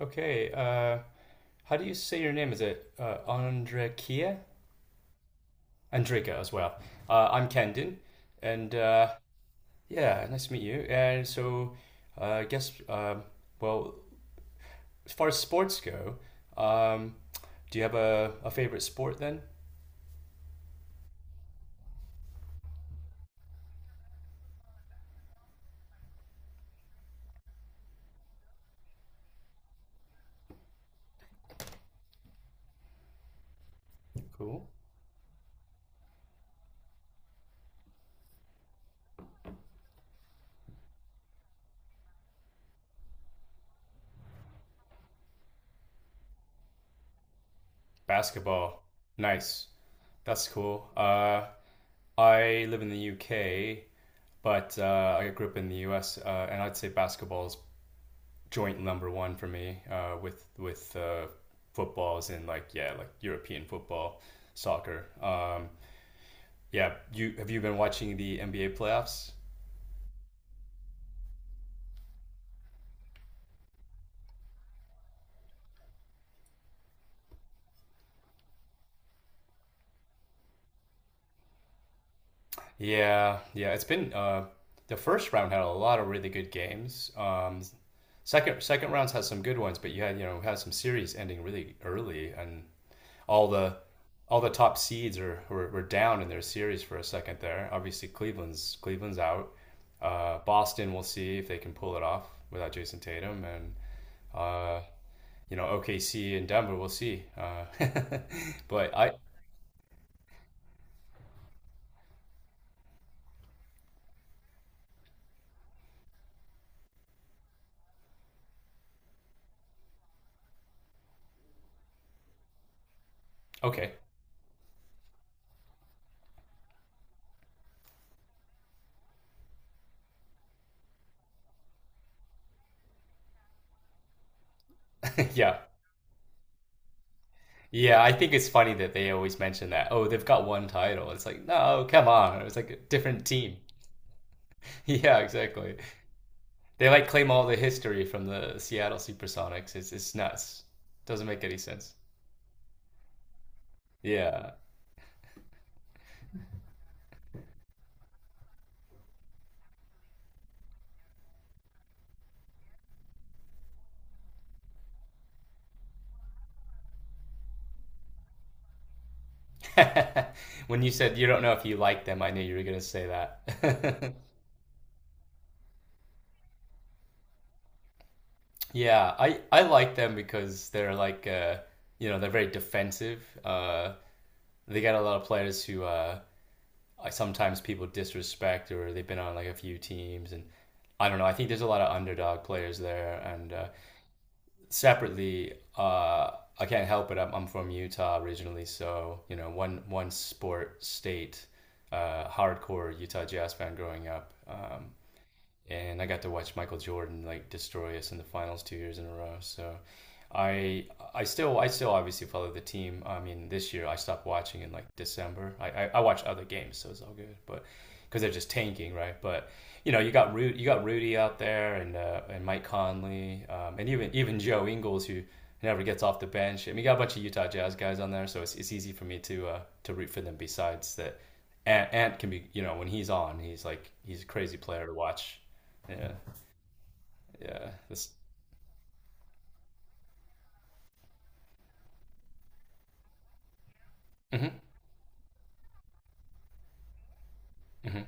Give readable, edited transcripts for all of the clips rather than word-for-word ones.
Okay. How do you say your name? Is it Andrekia? Andreka as well. I'm Kendon, and yeah, nice to meet you. And so, I guess, well, As far as sports go, um, do you have a favorite sport then? Cool. Basketball. Nice. That's cool. I live in the UK, but I grew up in the US, and I'd say basketball is joint number one for me with footballs in like yeah like European football, soccer. Yeah, you have you been watching the NBA playoffs? Yeah, yeah. It's been the first round had a lot of really good games. Second rounds had some good ones, but you had you know had some series ending really early and all the all the top seeds are were down in their series for a second there. Obviously, Cleveland's out. Boston, we'll see if they can pull it off without Jason Tatum, and uh, you know OKC and Denver, we'll see. But I okay, yeah, yeah. I think it's funny that they always mention that. Oh, they've got one title. It's like no, come on. It's like a different team. yeah, exactly. They like claim all the history from the Seattle SuperSonics. It's nuts. Doesn't make any sense. Yeah. When you said you don't know if you like them, I knew you were gonna say that. Yeah, I like them because they're like you know, they're very defensive. They got a lot of players who sometimes people disrespect or they've been on like a few teams and I don't know, I think there's a lot of underdog players there and separately, I can't help it. I'm from Utah originally, so you know, one sport state, hardcore Utah Jazz fan growing up. And I got to watch Michael Jordan like destroy us in the finals 2 years in a row. So I I still obviously follow the team. I mean, this year I stopped watching in like December. I watch other games, so it's all good, but because they're just tanking, right? But you know, you got you got Rudy out there and Mike Conley, and even Joe Ingles who never gets off the bench. I mean, you got a bunch of Utah Jazz guys on there, so it's easy for me to root for them. Besides that, Ant can be you know when he's on, he's a crazy player to watch yeah, yeah. This. Hmm hmm.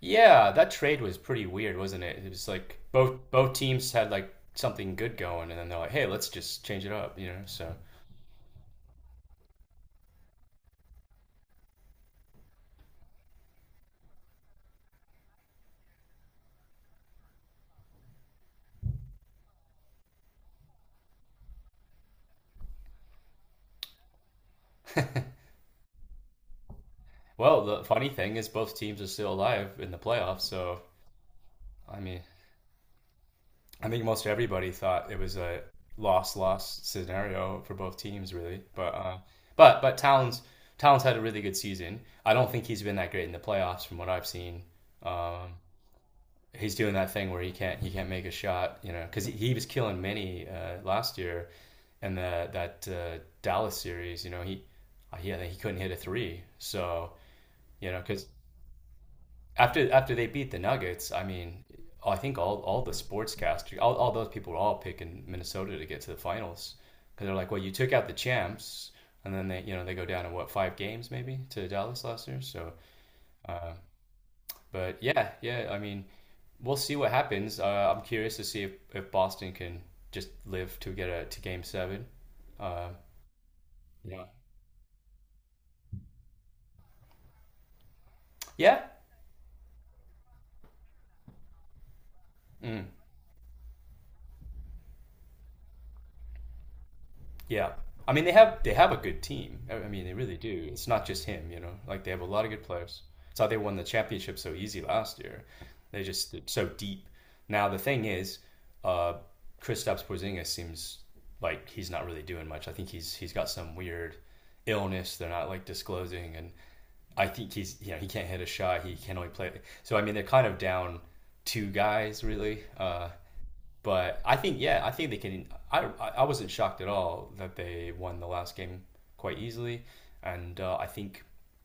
Yeah, that trade was pretty weird, wasn't it? It was like both teams had like something good going, and then they're like, "Hey, let's just change it up," you know. So, well, the funny thing is, both teams are still alive in the playoffs. So, I mean, I think most everybody thought it was a loss scenario for both teams, really. But but Towns Towns had a really good season. I don't think he's been that great in the playoffs, from what I've seen. Um, he's doing that thing where he can't make a shot, you know, because was killing many last year, and that Dallas series, you know, he yeah he couldn't hit a three, so you know, because after they beat the Nuggets, I mean, I think all the sportscasters, all those people were all picking Minnesota to get to the finals because they're like, well, you took out the champs, and then they you know they go down to what five games maybe to Dallas last year, so. Uh, but yeah, yeah, I mean, we'll see what happens. I'm curious to see if Boston can just live to get to game seven. Uh, yeah. Yeah. Mm. Yeah. I mean, they have a good team. I mean, they really do. It's not just him, you know. Like they have a lot of good players. It's how they won the championship so easy last year. They're just so deep. Now the thing is, uh, Kristaps Porzingis seems like he's not really doing much. I think he's got some weird illness they're not like disclosing, and I think he's you know he can't hit a shot. He can only play. So I mean, they're kind of down two guys really. But I think, yeah, I think they can. I, I wasn't shocked at all that they won the last game quite easily, and I think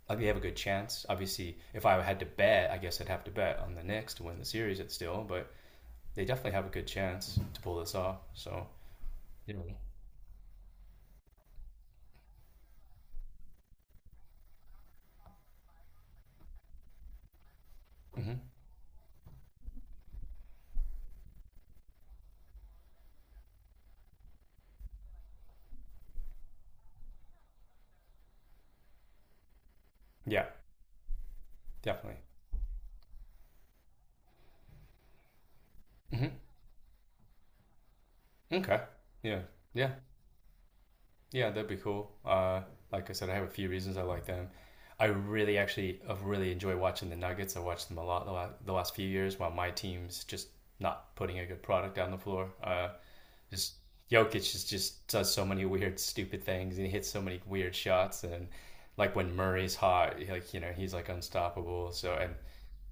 like they have a good chance. Obviously, if I had to bet, I guess I'd have to bet on the Knicks to win the series. It's still, but they definitely have a good chance to pull this off. So, you know, hmm, yeah, definitely. Hmm. Okay, yeah, yeah. Yeah, that'd be cool. Like I said, I have a few reasons I like them. I really enjoy watching the Nuggets. I watched them a lot the last few years while my team's just not putting a good product on the floor. Just Jokic just does so many weird, stupid things, and he hits so many weird shots. And like when Murray's hot, like you know he's like unstoppable. So and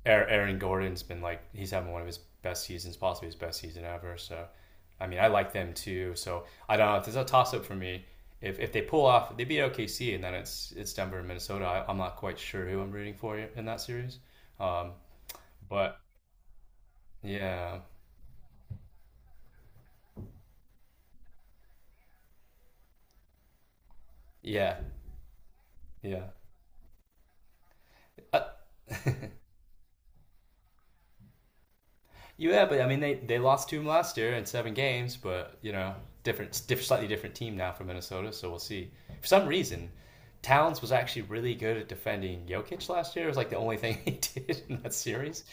Aaron Gordon's been like he's having one of his best seasons, possibly his best season ever. So I mean, I like them too. So I don't know. It's a toss up for me. If they pull off, they beat OKC, and then it's Denver and Minnesota. I'm not quite sure who I'm rooting for in that series. Um, but yeah, yeah, yeah. Uh, yeah, but I mean, they lost to him last year in seven games, but you know, slightly different team now from Minnesota. So we'll see. For some reason, Towns was actually really good at defending Jokic last year. It was like the only thing he did in that series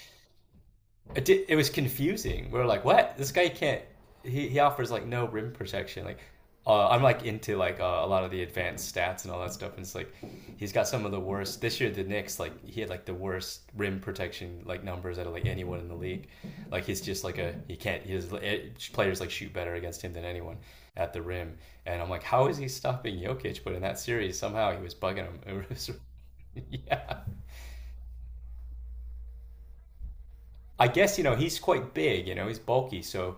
did, it was confusing. We were like, what? This guy can't. He offers like no rim protection. Like, I'm like into like a lot of the advanced stats and all that stuff. And it's like he's got some of the worst this year. The Knicks like he had like the worst rim protection like numbers out of like anyone in the league. Like he can't his players like shoot better against him than anyone at the rim. And I'm like, how is he stopping Jokic? But in that series, somehow he was bugging him. It was, yeah. I guess you know he's quite big. You know he's bulky, so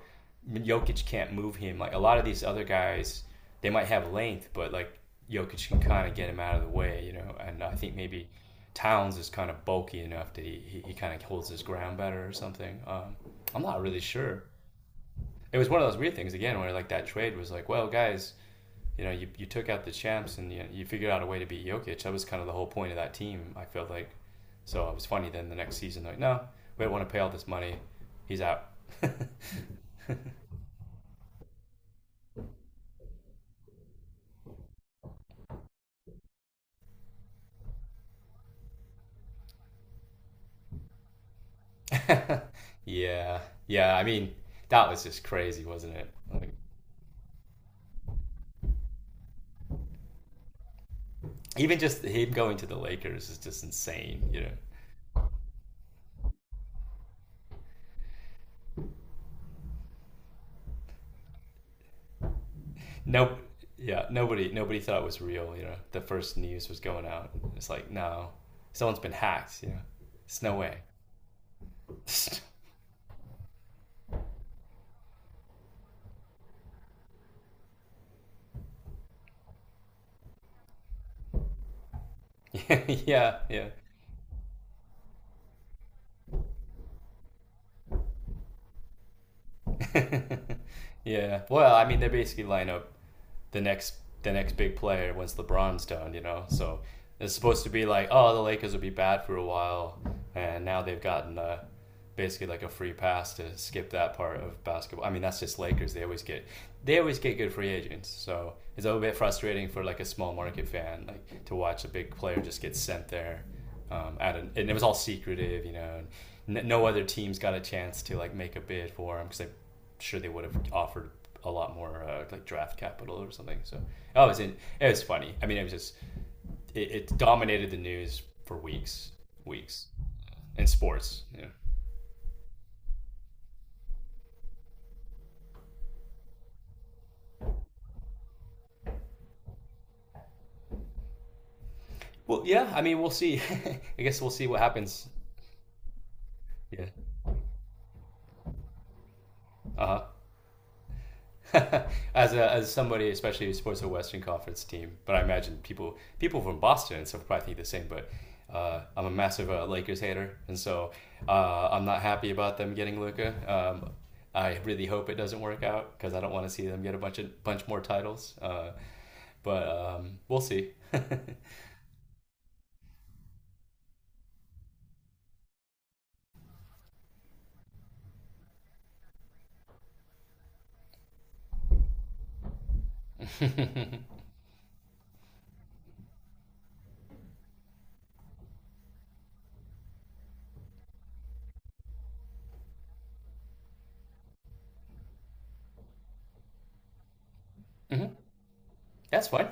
Jokic can't move him. Like a lot of these other guys, they might have length, but like Jokic can kind of get him out of the way. You know, and I think maybe Towns is kind of bulky enough that he kind of holds his ground better or something. I'm not really sure. It was one of those weird things again where like that trade was like, well, guys, you know, you took out the champs and you figured out a way to beat Jokic. That was kind of the whole point of that team, I felt like. So it was funny then the next season, like, no, we don't want to pay all this money. He's out. yeah. Yeah. I mean, that was just crazy, wasn't it? Like, even just him going to the Lakers is just insane, you know. No, yeah, nobody thought it was real, you know. The first news was going out. It's like, no, someone's been hacked, you know. It's no way. yeah, yeah. yeah. Well, I mean, they basically line up the next the next big player once LeBron's done, you know. So it's supposed to be like, oh, the Lakers will be bad for a while, and now they've gotten basically like a free pass to skip that part of basketball. I mean, that's just Lakers. They always get good free agents. So it's a little bit frustrating for like a small market fan like to watch a big player just get sent there. And it was all secretive, you know. And, no other teams got a chance to like make a bid for him because they sure they would have offered a lot more like draft capital or something. So oh, it was funny. I mean, it was just it dominated the news for weeks, weeks in sports. Yeah. Well, yeah. I mean, we'll see. I guess we'll see what happens. Yeah. Uh huh. as as somebody, especially who supports a Western Conference team, but I imagine people from Boston and stuff probably think the same. But I'm a massive Lakers hater, and so I'm not happy about them getting Luca. I really hope it doesn't work out because I don't want to see them get a bunch more titles. But we'll see. Hmm. That's fine.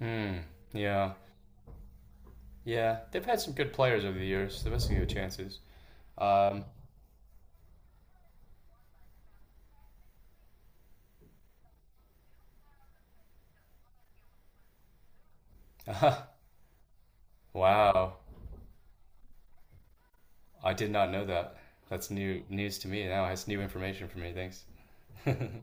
Hmm. Yeah, yeah. They've had some good players over the years. They're missing their chances. Um, wow. I did not know that. That's new news to me now. It's new information for me. Thanks. hmm.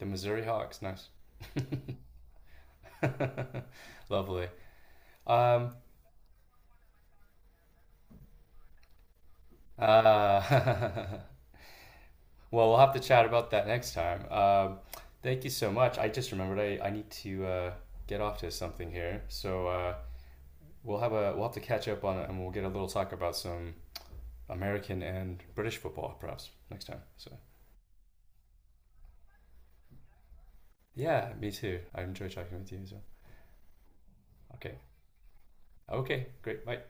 The Missouri Hawks. Nice. Lovely. Um, uh, well, we'll have to chat about that next time. Thank you so much. I just remembered I need to get off to something here. So we'll have a we'll have to catch up on it, and we'll get a little talk about some American and British football perhaps next time. So yeah, me too. I enjoy talking with you as well. Okay. Okay, great. Bye.